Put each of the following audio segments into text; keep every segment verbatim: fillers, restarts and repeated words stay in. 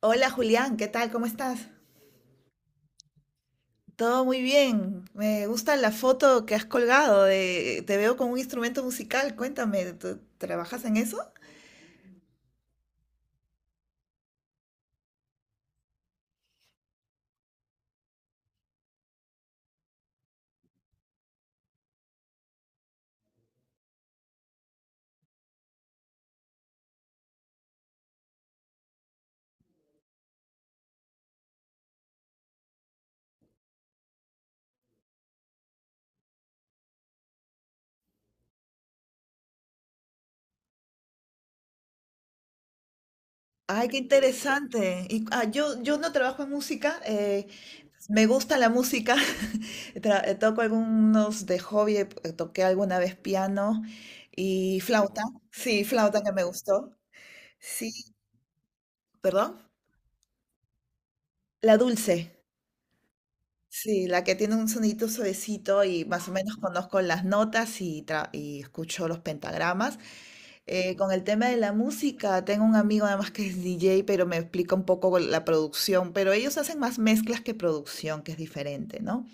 Hola Julián, ¿qué tal? ¿Cómo estás? Todo muy bien. Me gusta la foto que has colgado de, te veo con un instrumento musical. Cuéntame, ¿tú trabajas en eso? Ay, qué interesante. Y, ah, yo, yo no trabajo en música. Eh, me gusta la música. Tra- eh, toco algunos de hobby. eh, Toqué alguna vez piano y flauta. Sí, flauta que me gustó. Sí, perdón. La dulce. Sí, la que tiene un sonidito suavecito y más o menos conozco las notas y, tra- y escucho los pentagramas. Eh, con el tema de la música, tengo un amigo además que es D J, pero me explica un poco la producción, pero ellos hacen más mezclas que producción, que es diferente, ¿no?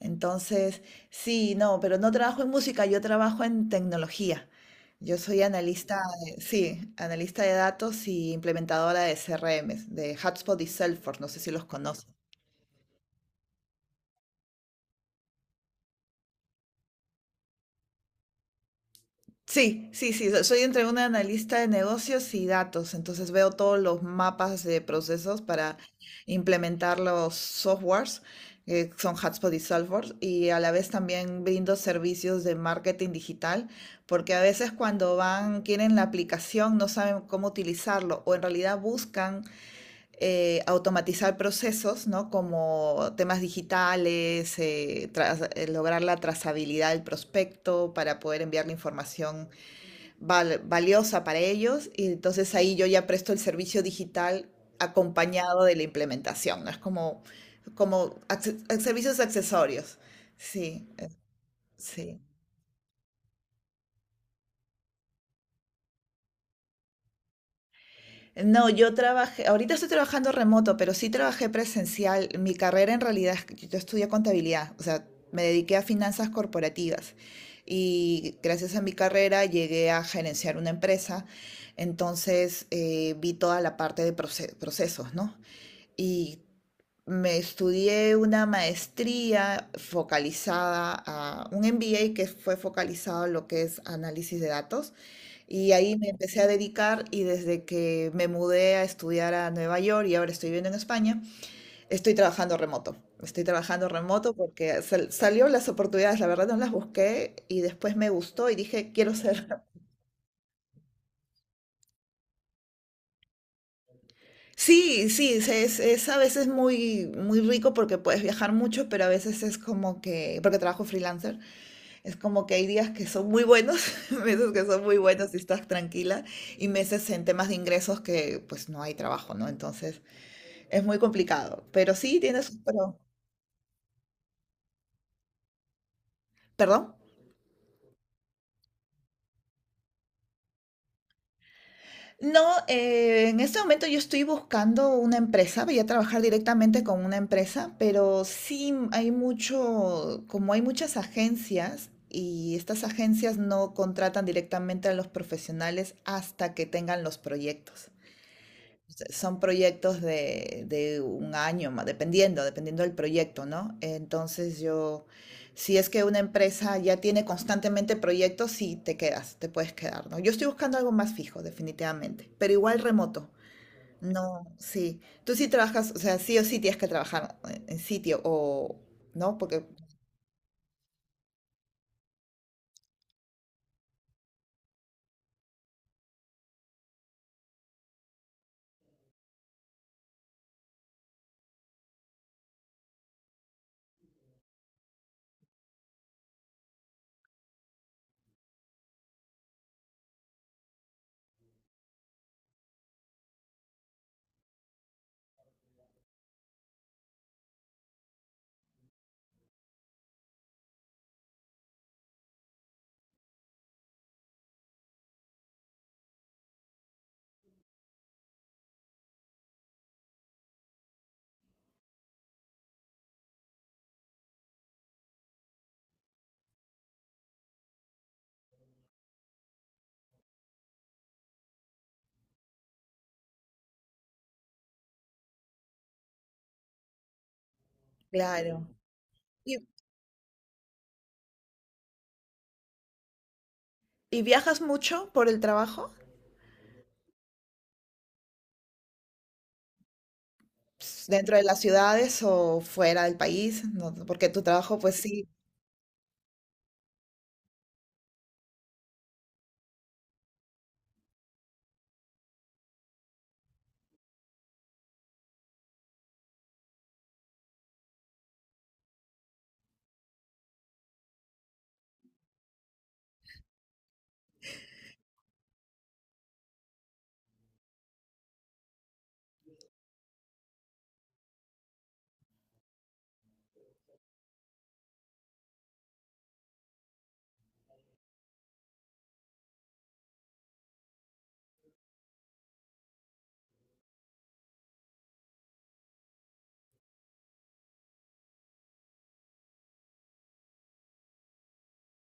Entonces, sí, no, pero no trabajo en música, yo trabajo en tecnología. Yo soy analista, de- sí, analista de datos y implementadora de C R Ms, de HubSpot y Salesforce, no sé si los conoces. Sí, sí, sí, so- soy entre una analista de negocios y datos, entonces veo todos los mapas de procesos para implementar los softwares, que son Hotspot y Salesforce, y a la vez también brindo servicios de marketing digital, porque a veces cuando van, quieren la aplicación, no saben cómo utilizarlo, o en realidad buscan eh, automatizar procesos, ¿no? Como temas digitales, eh, tras- eh, lograr la trazabilidad del prospecto para poder enviar la información val- valiosa para ellos y entonces ahí yo ya presto el servicio digital acompañado de la implementación, ¿no? Es como, como acce- servicios accesorios. Sí, eh, sí. No, yo trabajé, ahorita estoy trabajando remoto, pero sí trabajé presencial. Mi carrera en realidad, es que yo estudié contabilidad, o sea, me dediqué a finanzas corporativas y gracias a mi carrera llegué a gerenciar una empresa, entonces eh, vi toda la parte de proce- procesos, ¿no? Y Me estudié una maestría focalizada a un M B A que fue focalizado a lo que es análisis de datos y ahí me empecé a dedicar, y desde que me mudé a estudiar a Nueva York y ahora estoy viviendo en España, estoy trabajando remoto. Estoy trabajando remoto porque sal- salió las oportunidades, la verdad no las busqué y después me gustó y dije, quiero ser. Sí, sí, se- es, es a veces muy, muy rico porque puedes viajar mucho, pero a veces es como que, porque trabajo freelancer. Es como que hay días que son muy buenos, meses que son muy buenos y estás tranquila, y meses en temas de ingresos que pues no hay trabajo, ¿no? Entonces es muy complicado. Pero sí tienes, pero, perdón. No, eh, en este momento yo estoy buscando una empresa, voy a trabajar directamente con una empresa, pero sí hay mucho, como hay muchas agencias y estas agencias no contratan directamente a los profesionales hasta que tengan los proyectos. Sea, son proyectos de, de un año, ma- dependiendo, dependiendo del proyecto, ¿no? Entonces yo, si es que una empresa ya tiene constantemente proyectos, sí te quedas, te puedes quedar, ¿no? Yo estoy buscando algo más fijo, definitivamente, pero igual remoto. No, sí. Tú sí trabajas, o sea, sí o sí tienes que trabajar en en sitio o, ¿no? Porque, claro. ¿Y, y viajas mucho por el trabajo? Ps, ¿dentro de las ciudades o fuera del país? No, porque tu trabajo, pues sí.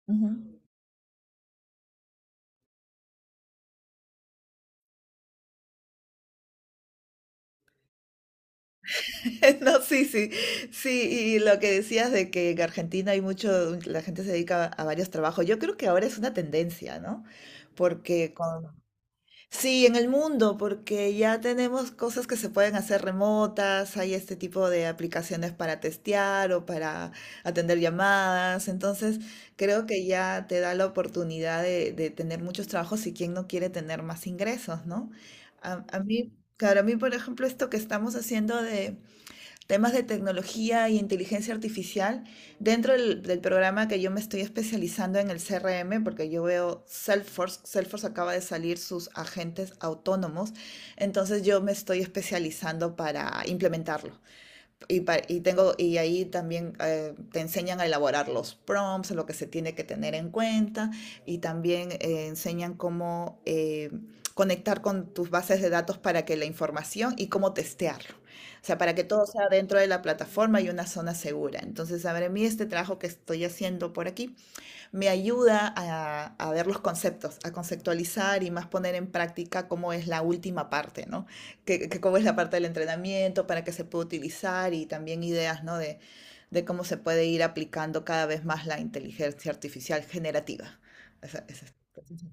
Ujú. No, sí, sí, sí, y lo que decías de que en Argentina hay mucho, la gente se dedica a varios trabajos, yo creo que ahora es una tendencia, ¿no? Porque con… Sí, en el mundo, porque ya tenemos cosas que se pueden hacer remotas, hay este tipo de aplicaciones para testear o para atender llamadas, entonces creo que ya te da la oportunidad de, de tener muchos trabajos y quien no quiere tener más ingresos, ¿no? A, a mí, claro, a mí, por ejemplo, esto que estamos haciendo de temas de tecnología y inteligencia artificial dentro del, del programa que yo me estoy especializando en el C R M, porque yo veo Salesforce, Salesforce acaba de salir sus agentes autónomos, entonces yo me estoy especializando para implementarlo. Y y tengo, y ahí también eh, te enseñan a elaborar los prompts, lo que se tiene que tener en cuenta, y también eh, enseñan cómo eh, conectar con tus bases de datos para que la información y cómo testearlo. O sea, para que todo sea dentro de la plataforma y una zona segura. Entonces, a ver, a mí este trabajo que estoy haciendo por aquí me ayuda a, a, ver los conceptos, a conceptualizar y más poner en práctica cómo es la última parte, ¿no? Que, que cómo es la parte del entrenamiento, para qué se puede utilizar y también ideas, ¿no? De, de cómo se puede ir aplicando cada vez más la inteligencia artificial generativa. Esa, esa, esa.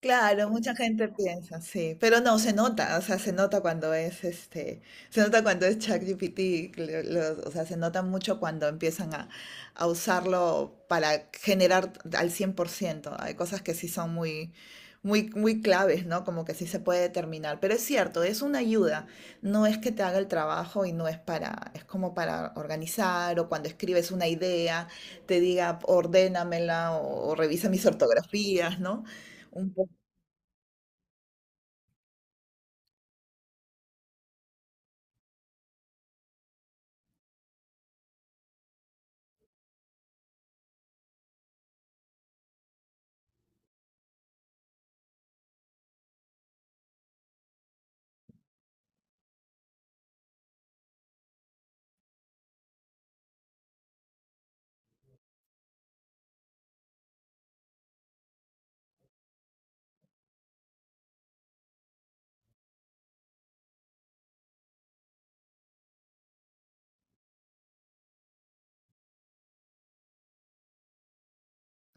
Claro, mucha gente piensa, sí, pero no, se nota, o sea, se nota cuando es este, se nota cuando es ChatGPT, lo- lo- o sea, se nota mucho cuando empiezan a, a usarlo para generar al cien por ciento. Hay cosas que sí son muy, muy, muy claves, ¿no? Como que sí se puede determinar, pero es cierto, es una ayuda, no es que te haga el trabajo y no es para, es como para organizar o cuando escribes una idea, te diga, ordénamela o, o revisa mis ortografías, ¿no?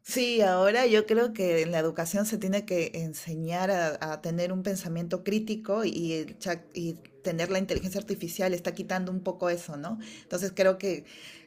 Sí, ahora yo creo que en la educación se tiene que enseñar a, a tener un pensamiento crítico y, el chat- y tener la inteligencia artificial está quitando un poco eso, ¿no? Entonces creo que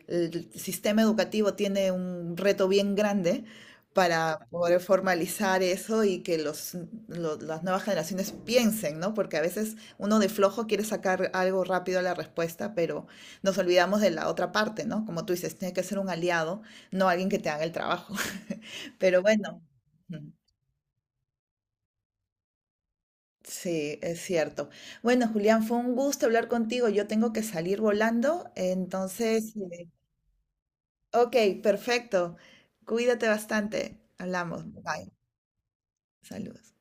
el sistema educativo tiene un reto bien grande para poder formalizar eso y que los, lo- las nuevas generaciones piensen, ¿no? Porque a veces uno de flojo quiere sacar algo rápido a la respuesta, pero nos olvidamos de la otra parte, ¿no? Como tú dices, tiene que ser un aliado, no alguien que te haga el trabajo. Pero bueno, mm, sí, es cierto. Bueno, Julián, fue un gusto hablar contigo. Yo tengo que salir volando, entonces, eh, ok, perfecto. Cuídate bastante. Hablamos. Bye. Saludos.